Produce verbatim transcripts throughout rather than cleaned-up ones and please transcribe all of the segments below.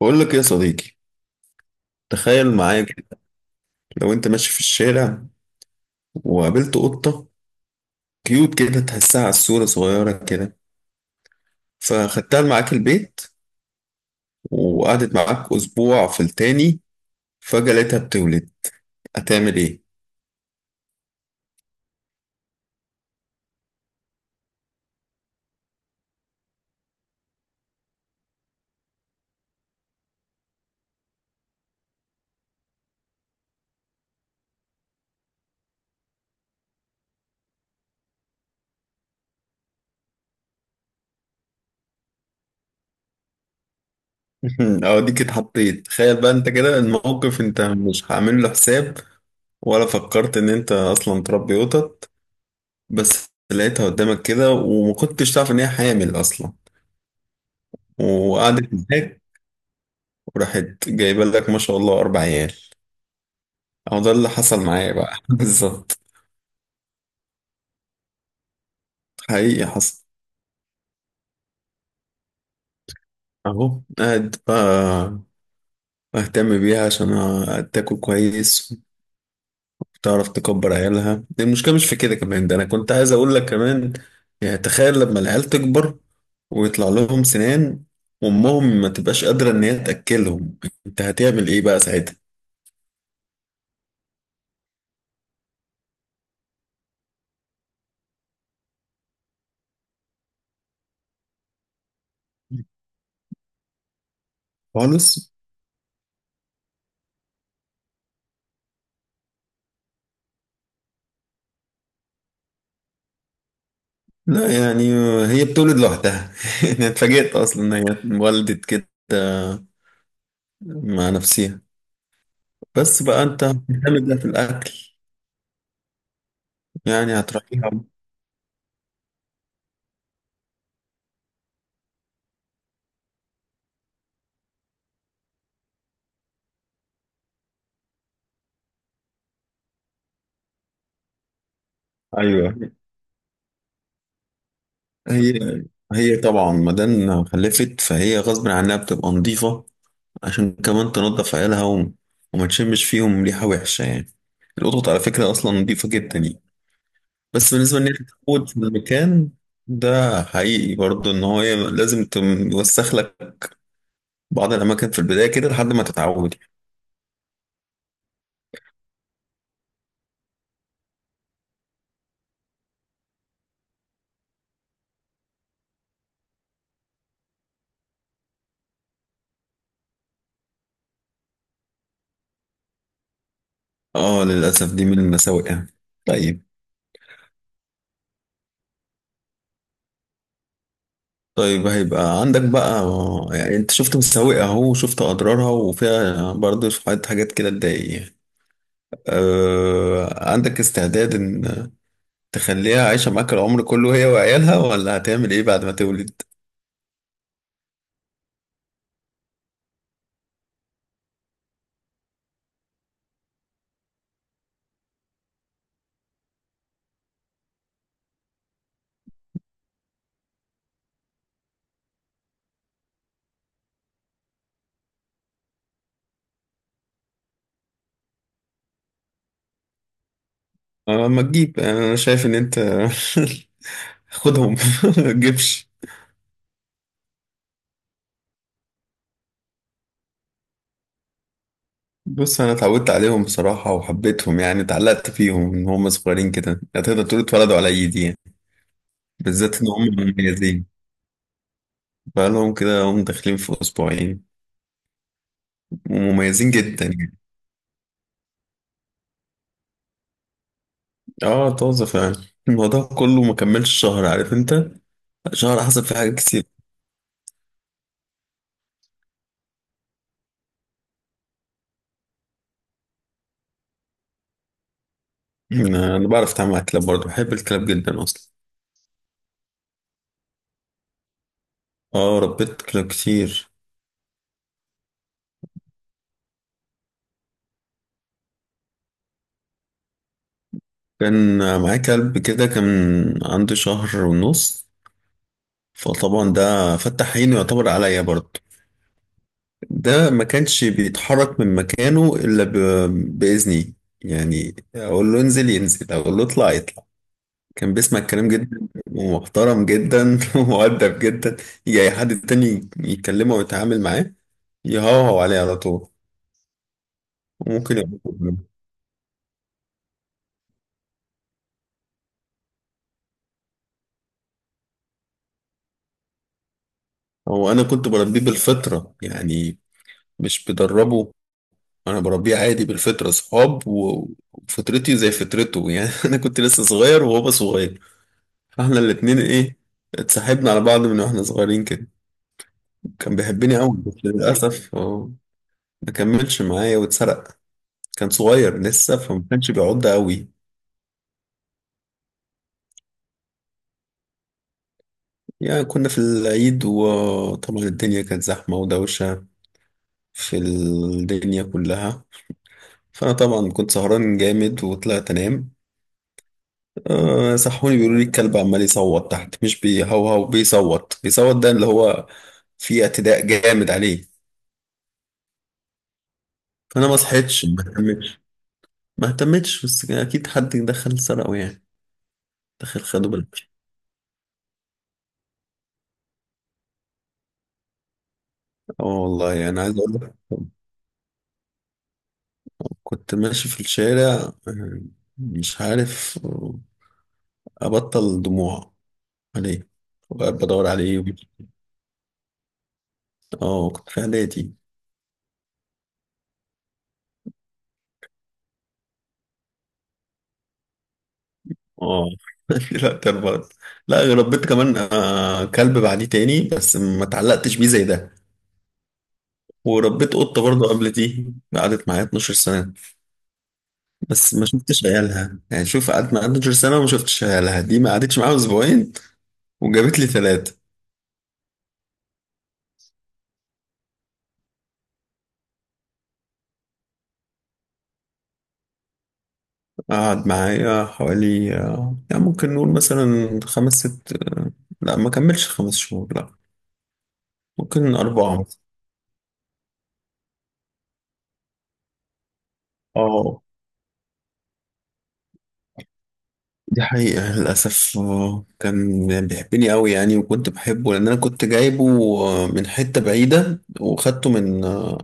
بقول لك يا صديقي. تخيل معايا مم. كده. لو انت ماشي في الشارع وقابلت قطة كيوت كده، تحسها على الصورة صغيرة كده، فخدتها معاك البيت وقعدت معاك أسبوع، في التاني فجأة لقيتها بتولد. هتعمل ايه؟ أوديك اتحطيت. تخيل بقى انت كده الموقف، انت مش هعمل له حساب ولا فكرت ان انت أصلا تربي قطط، بس لقيتها قدامك كده وما كنتش تعرف ان هي حامل أصلا. وقعدت معاك وراحت جايبه لك ما شاء الله أربع عيال. أو ده اللي حصل معايا بقى. بالظبط، حقيقي حصل. أهو قاعد بقى أهتم بيها عشان تاكل كويس وتعرف تكبر عيالها. المشكلة مش في كده كمان، ده أنا كنت عايز أقول لك كمان. يعني تخيل لما العيال تكبر ويطلع لهم سنان وأمهم ما تبقاش قادرة إن هي تأكلهم، أنت هتعمل إيه بقى ساعتها؟ خالص؟ لا يعني، هي بتولد لوحدها. أنا اتفاجئت أصلا إن هي اتولدت كده مع نفسها. بس بقى انت هتعمل ده في الاكل، يعني هتراعيها. ايوه. هي هي طبعا مادام خلفت فهي غصب عنها بتبقى نظيفه عشان كمان تنظف عيالها و... وما تشمش فيهم ريحه وحشه يعني. القطط على فكره اصلا نظيفه جدا يعني. بس بالنسبه ان هي تتعود في المكان، ده حقيقي برضه ان هو لازم توسخ لك بعض الاماكن في البدايه كده لحد ما تتعود. اه، للاسف دي من المساوئ يعني. طيب. طيب هيبقى عندك بقى. يعني انت شفت مساوئ اهو، شفت اضرارها، وفيها برضه شوية حاجات كده تضايق يعني. أه، عندك استعداد ان تخليها عايشة معاك العمر كله هي وعيالها، ولا هتعمل ايه بعد ما تولد؟ أه، ما تجيب. آه، انا شايف ان انت خدهم. ما تجيبش. بص، انا اتعودت عليهم بصراحة وحبيتهم، يعني اتعلقت فيهم ان هم صغيرين كده. هتقدر تقول اتولدوا على ايدي يعني، بالذات ان هم مميزين. بقالهم كده هم داخلين في اسبوعين. مميزين جدا يعني. اه، طازة فعلا. الموضوع كله ما كملش شهر، عارف انت، شهر حصل فيه حاجات كتير. انا أنا بعرف اتعامل مع الكلاب برضه. بحب الكلاب جدا اصلا. اه، ربيت كلاب كتير. كان معايا كلب كده، كان عنده شهر ونص. فطبعا ده فتح عينه يعتبر عليا برضه. ده ما كانش بيتحرك من مكانه الا ب... باذني. يعني اقول له انزل ينزل، اقول له اطلع يطلع. كان بيسمع الكلام جدا ومحترم جدا ومؤدب جدا. يجي أي حد تاني يتكلمه ويتعامل معاه، يهوهو عليه على طول. وممكن يقول له. هو أنا كنت بربيه بالفطرة يعني، مش بدربه. أنا بربيه عادي بالفطرة، صحاب، و- وفطرتي زي فطرته يعني. أنا كنت لسه صغير وهو صغير، فإحنا الاتنين إيه، اتصاحبنا على بعض من وإحنا صغيرين كده. كان بيحبني أوي بس للأسف هو ما كملش معايا واتسرق. كان صغير لسه فما كانش بيعض قوي. يعني كنا في العيد وطبعا الدنيا كانت زحمة ودوشة في الدنيا كلها، فأنا طبعا كنت سهران جامد وطلعت أنام. أه، صحوني بيقولوا لي الكلب عمال يصوت تحت، مش بيهوهو، بيصوت بيصوت، ده اللي هو فيه اعتداء جامد عليه. فأنا ما صحيتش، ما اهتمتش، ما اهتمتش. بس كان أكيد حد دخل سرقه يعني، دخل خده بالعافية. اه والله، أنا عايز أقول لك، كنت ماشي في الشارع، آه، مش عارف، آه، أبطل دموع عليه وقاعد بدور عليه. اه، كنت في اعدادي. اه. لا تربط. لا، ربيت كمان آه كلب بعديه تاني بس ما اتعلقتش بيه زي ده. وربيت قطة برضه قبل دي، قعدت معايا 12 سنة. بس ما شفتش عيالها، يعني شوف، قعدت معايا 12 سنة وما شفتش عيالها. دي ما قعدتش معايا أسبوعين وجابت لي ثلاثة. قعد معايا حوالي، آه، يعني ممكن نقول مثلا خمس ست، آه، لا ما كملش خمس شهور، لا، ممكن أربعة. اه، دي حقيقة للأسف. آه، كان بيحبني أوي يعني، وكنت بحبه لأن أنا كنت جايبه آه، من حتة بعيدة، وخدته من آه،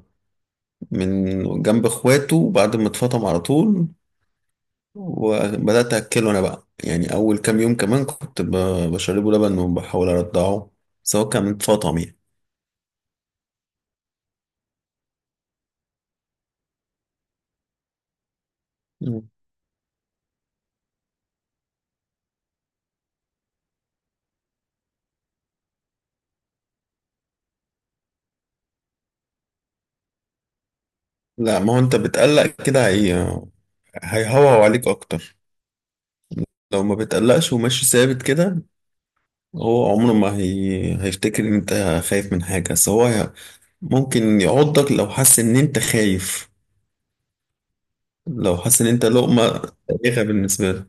من جنب إخواته بعد ما اتفطم على طول. وبدأت أكله أنا بقى، يعني أول كام يوم كمان كنت ب- بشربه لبن وبحاول أرضعه سواء كان اتفطم يعني. مم. لا، ما هو أنت بتقلق كده، هي هيهوهو عليك أكتر. لو ما بتقلقش وماشي ثابت كده، هو عمره ما هي... هيفتكر ان انت خايف من حاجة. بس هو ممكن يعضك لو حس ان انت خايف، لو حس ان انت لقمة تاريخة بالنسبة له.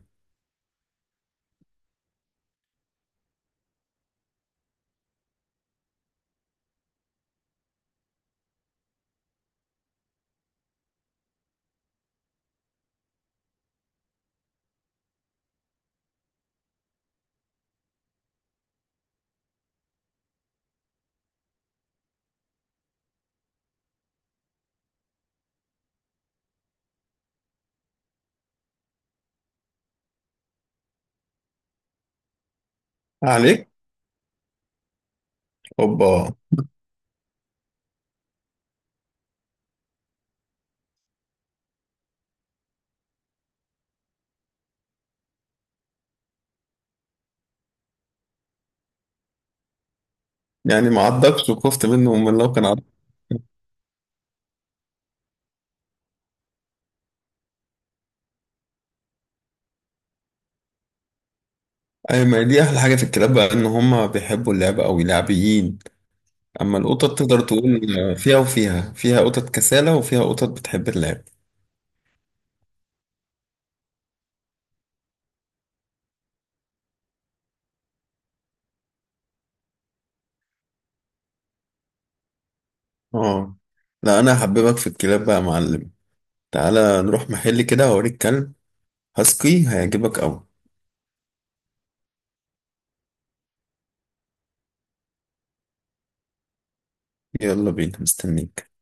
عليك، هوبا. يعني ما عضكش، وخفت منه من لو كان عضك. اي، ما دي احلى حاجة في الكلاب بقى، ان هما بيحبوا اللعبة قوي، لعبيين. اما القطط تقدر تقول فيها وفيها، فيها قطط كسالة وفيها قطط بتحب اللعب. اه، لا انا هحببك في الكلاب بقى يا معلم. تعالى نروح محل كده هوريك كلب هاسكي، هيعجبك قوي. يلا بينا، مستنيك.